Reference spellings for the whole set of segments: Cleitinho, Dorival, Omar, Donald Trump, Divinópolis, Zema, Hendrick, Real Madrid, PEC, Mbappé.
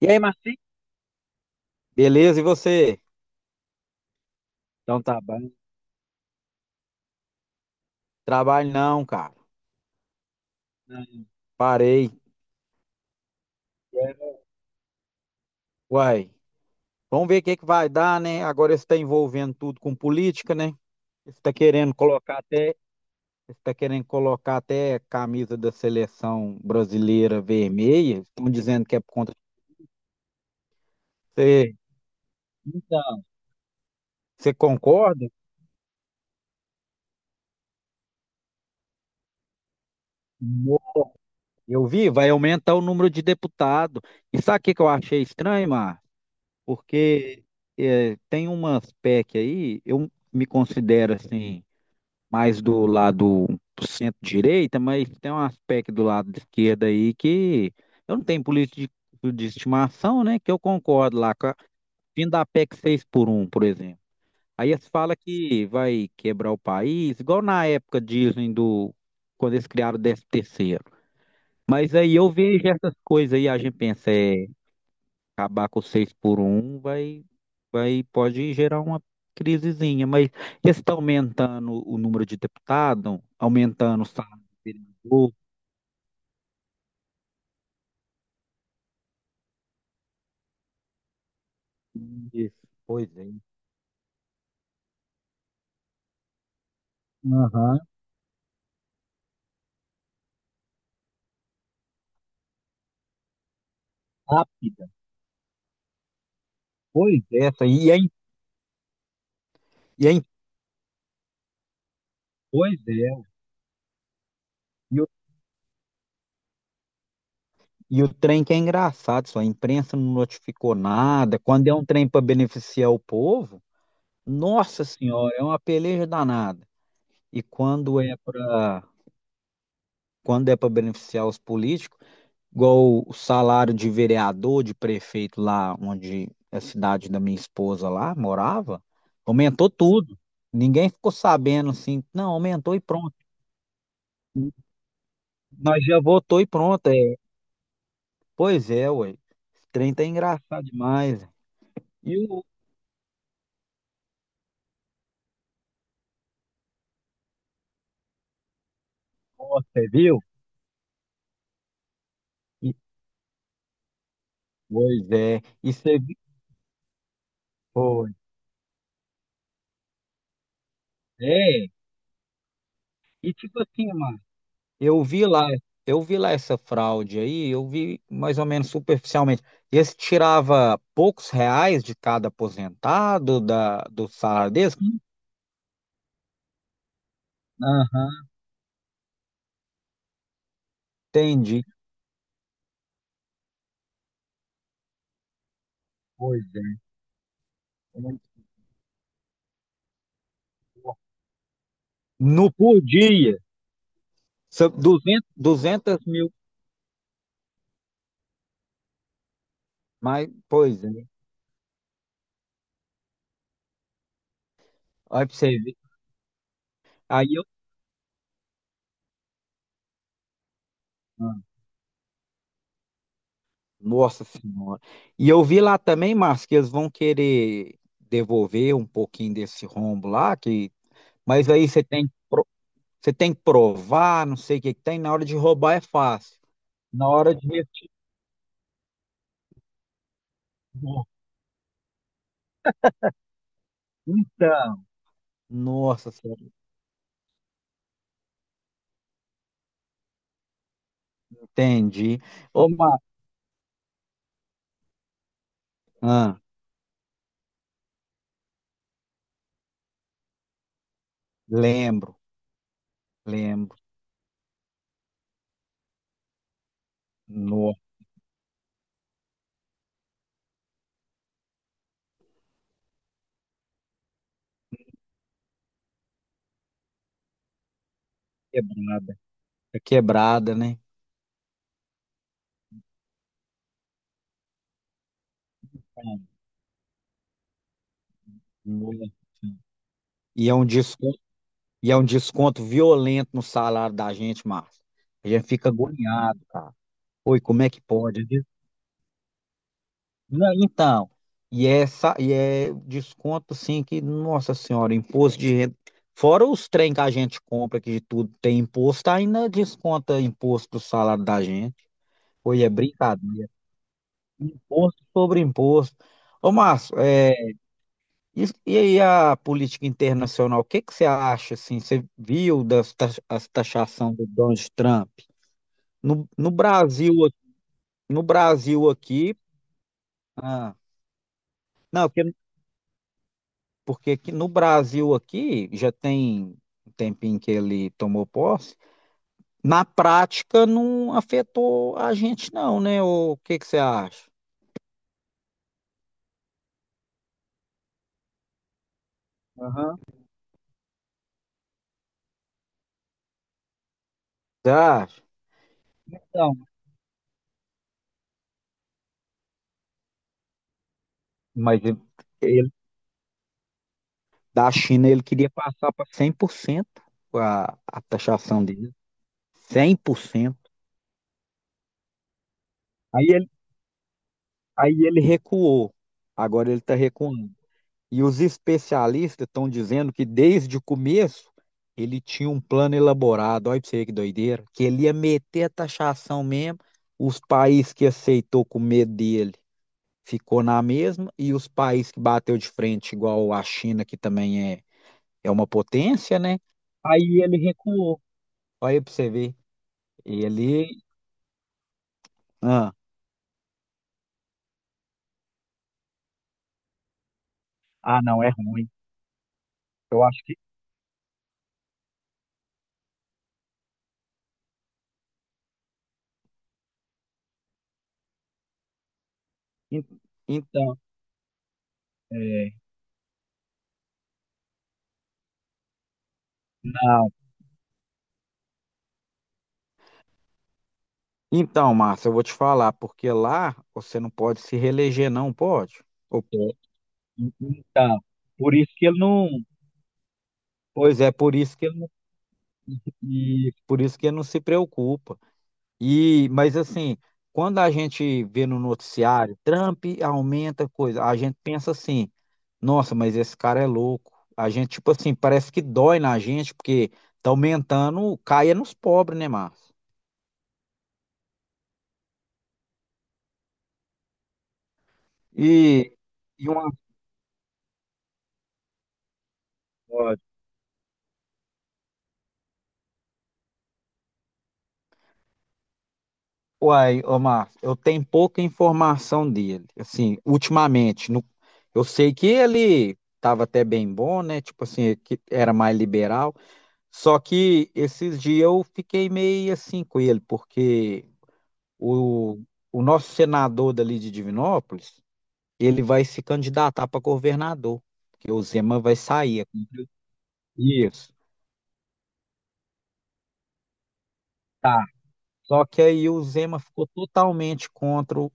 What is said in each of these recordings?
E aí, Marcinho? Beleza, e você? Então, tá bom. Trabalho não, cara. Não, parei. quero- Uai. Vamos ver o que é que vai dar, né? Agora você está envolvendo tudo com política, né? Você Está querendo colocar até, Está querendo colocar até camisa da seleção brasileira vermelha. Estão dizendo que é por conta de. Você, Então, Você concorda? no- Eu vi, vai aumentar o número de deputados. E sabe o que que eu achei estranho, Márcio? Porque tem umas PEC aí, eu me considero assim, mais do lado centro-direita, mas tem umas PEC do lado de esquerda aí que eu não tenho política de estimação, né? Que eu concordo lá, com a fim da PEC 6x1, por exemplo. Aí se fala que vai quebrar o país, igual na época dizem do, quando eles criaram o 13 terceiro. Mas aí eu vejo essas coisas aí, a gente pensa, é acabar com 6x1, vai, pode gerar uma crisezinha. Mas esse está aumentando o número de deputados, aumentando o salário do vereador. Isso, pois é. Aham, rápida. Pois é, essa aí. E aí, pois é. E o, e o trem que é engraçado, só a imprensa não notificou nada. Quando é um trem para beneficiar o povo, nossa senhora, é uma peleja danada. E quando é para beneficiar os políticos. Igual o salário de vereador, de prefeito lá onde a cidade da minha esposa lá morava, aumentou tudo. Ninguém ficou sabendo assim, não, aumentou e pronto. Nós já votou e pronto. É. Pois é, ué. Esse trem tá engraçado demais. E o Ó, você viu? E- Pois é. E você viu? Foi. É. E tipo assim, mano. Eu vi lá, eu vi lá essa fraude aí, eu vi mais ou menos superficialmente. Esse tirava poucos reais de cada aposentado do salário deles? Aham, entendi. Pois é. No, por dia, são 200, 200 mil, mas, pois é. Olha pra você ver. Aí eu, ah, Nossa senhora. E eu vi lá também, Márcio, que eles vão querer devolver um pouquinho desse rombo lá, que, mas aí você tem que. Você tem que provar, não sei o que que tem. Na hora de roubar é fácil. Na hora de restituir. Então, nossa senhora, entendi. Ô, Ma- ah, Lembro, lembro. Nossa, quebrada. É quebrada, né? Ah, nossa. E é um desconto, e é um desconto violento no salário da gente, Márcio. A gente fica agoniado, cara. Oi, como é que pode? Não, então, e é desconto assim que, nossa senhora, imposto de renda. Fora os trem que a gente compra, que de tudo tem imposto, ainda desconta imposto do salário da gente. Foi, é brincadeira. Imposto sobre imposto. Ô, Márcio, e aí a política internacional, o que que você acha, assim, você viu as taxação do Donald Trump? No Brasil, no Brasil aqui, ah, não, porque. Porque aqui no Brasil aqui já tem um tempinho que ele tomou posse. Na prática não afetou a gente não, né? O que que você acha? Aham. Você acha? Não. Mas ele, ele- Da China ele queria passar para 100% a taxação dele. 100%. Aí ele, aí ele recuou. Agora ele está recuando. E os especialistas estão dizendo que desde o começo ele tinha um plano elaborado, olha pra você ver que doideira, que ele ia meter a taxação mesmo, os países que aceitou com medo dele ficou na mesma, e os países que bateu de frente, igual a China, que também é, é uma potência, né? Aí ele recuou, olha pra você ver, ele. Ah, não, é ruim, eu acho que. en- Então, é, não. Então, Márcia, eu vou te falar, porque lá você não pode se reeleger, não pode? É. Então, por isso que ele não. Pois é, por isso que ele não, e por isso que ele não se preocupa. E, mas assim, quando a gente vê no noticiário, Trump aumenta coisa, a gente pensa assim, nossa, mas esse cara é louco. A gente, tipo assim, parece que dói na gente, porque tá aumentando, caia nos pobres, né, Márcio? E, e uma, Uai, Omar, eu tenho pouca informação dele. Assim, ultimamente, eu sei que ele estava até bem bom, né? Tipo assim, que era mais liberal. Só que esses dias eu fiquei meio assim com ele, porque o, o nosso senador dali de Divinópolis, ele vai se candidatar para governador, porque o Zema vai sair. Isso. Tá. Só que aí o Zema ficou totalmente contra o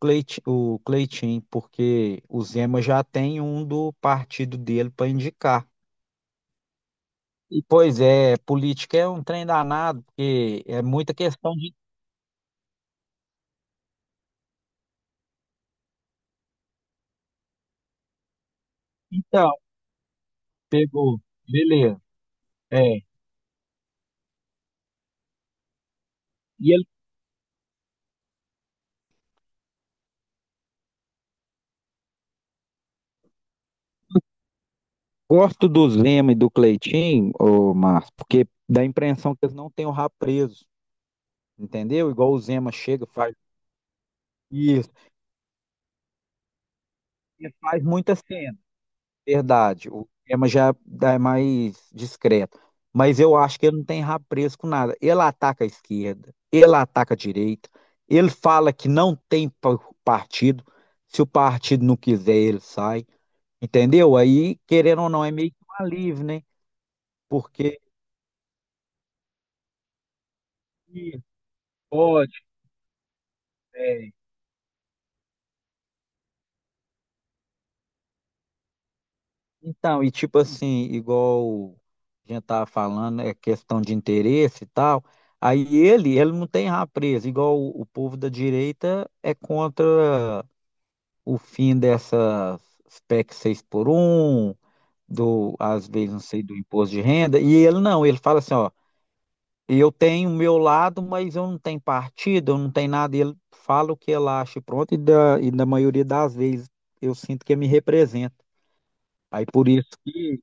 Cleit- o Cleitinho, porque o Zema já tem um do partido dele para indicar. E, pois é, política é um trem danado, porque é muita questão de. Então, pegou, beleza. É. E ele gosto do Zema e do Cleitinho, ô Márcio, porque dá a impressão que eles não têm o rabo preso, entendeu? Igual o Zema chega, faz isso, e faz muita cena. Verdade, o tema já é mais discreto. Mas eu acho que ele não tem rabo preso com nada. Ele ataca a esquerda, ele ataca a direita, ele fala que não tem partido. Se o partido não quiser, ele sai. Entendeu? Aí, querendo ou não, é meio que um alívio, né? Porque Ih, pode. Então, e tipo assim, igual a gente tava falando, é questão de interesse e tal. Aí ele não tem rabo preso, igual o povo da direita é contra o fim dessas PEC 6x1, do, às vezes, não sei, do imposto de renda. E ele não, ele fala assim, ó, eu tenho o meu lado, mas eu não tenho partido, eu não tenho nada. E ele fala o que ele acha, e pronto, e da, e na maioria das vezes eu sinto que ele me representa. Aí por isso que.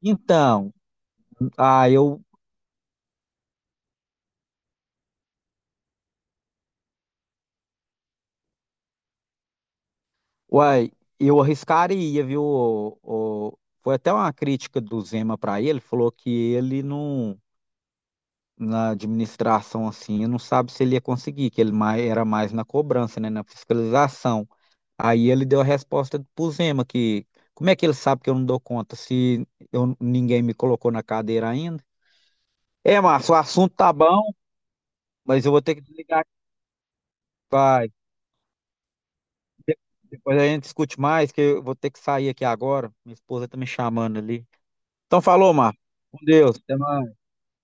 Então, Ah, eu, uai, eu arriscaria, viu? Foi até uma crítica do Zema para ele, falou que ele não, na administração assim, não sabe se ele ia conseguir, que ele mais, era mais na cobrança, né, na fiscalização. Aí ele deu a resposta pro Zema que como é que ele sabe que eu não dou conta se eu, ninguém me colocou na cadeira ainda? É, Márcio, o assunto tá bom, mas eu vou ter que desligar, pai. De- Depois a gente discute mais, que eu vou ter que sair aqui agora. Minha esposa tá me chamando ali. Então falou, Marco. Com Deus. Até mais.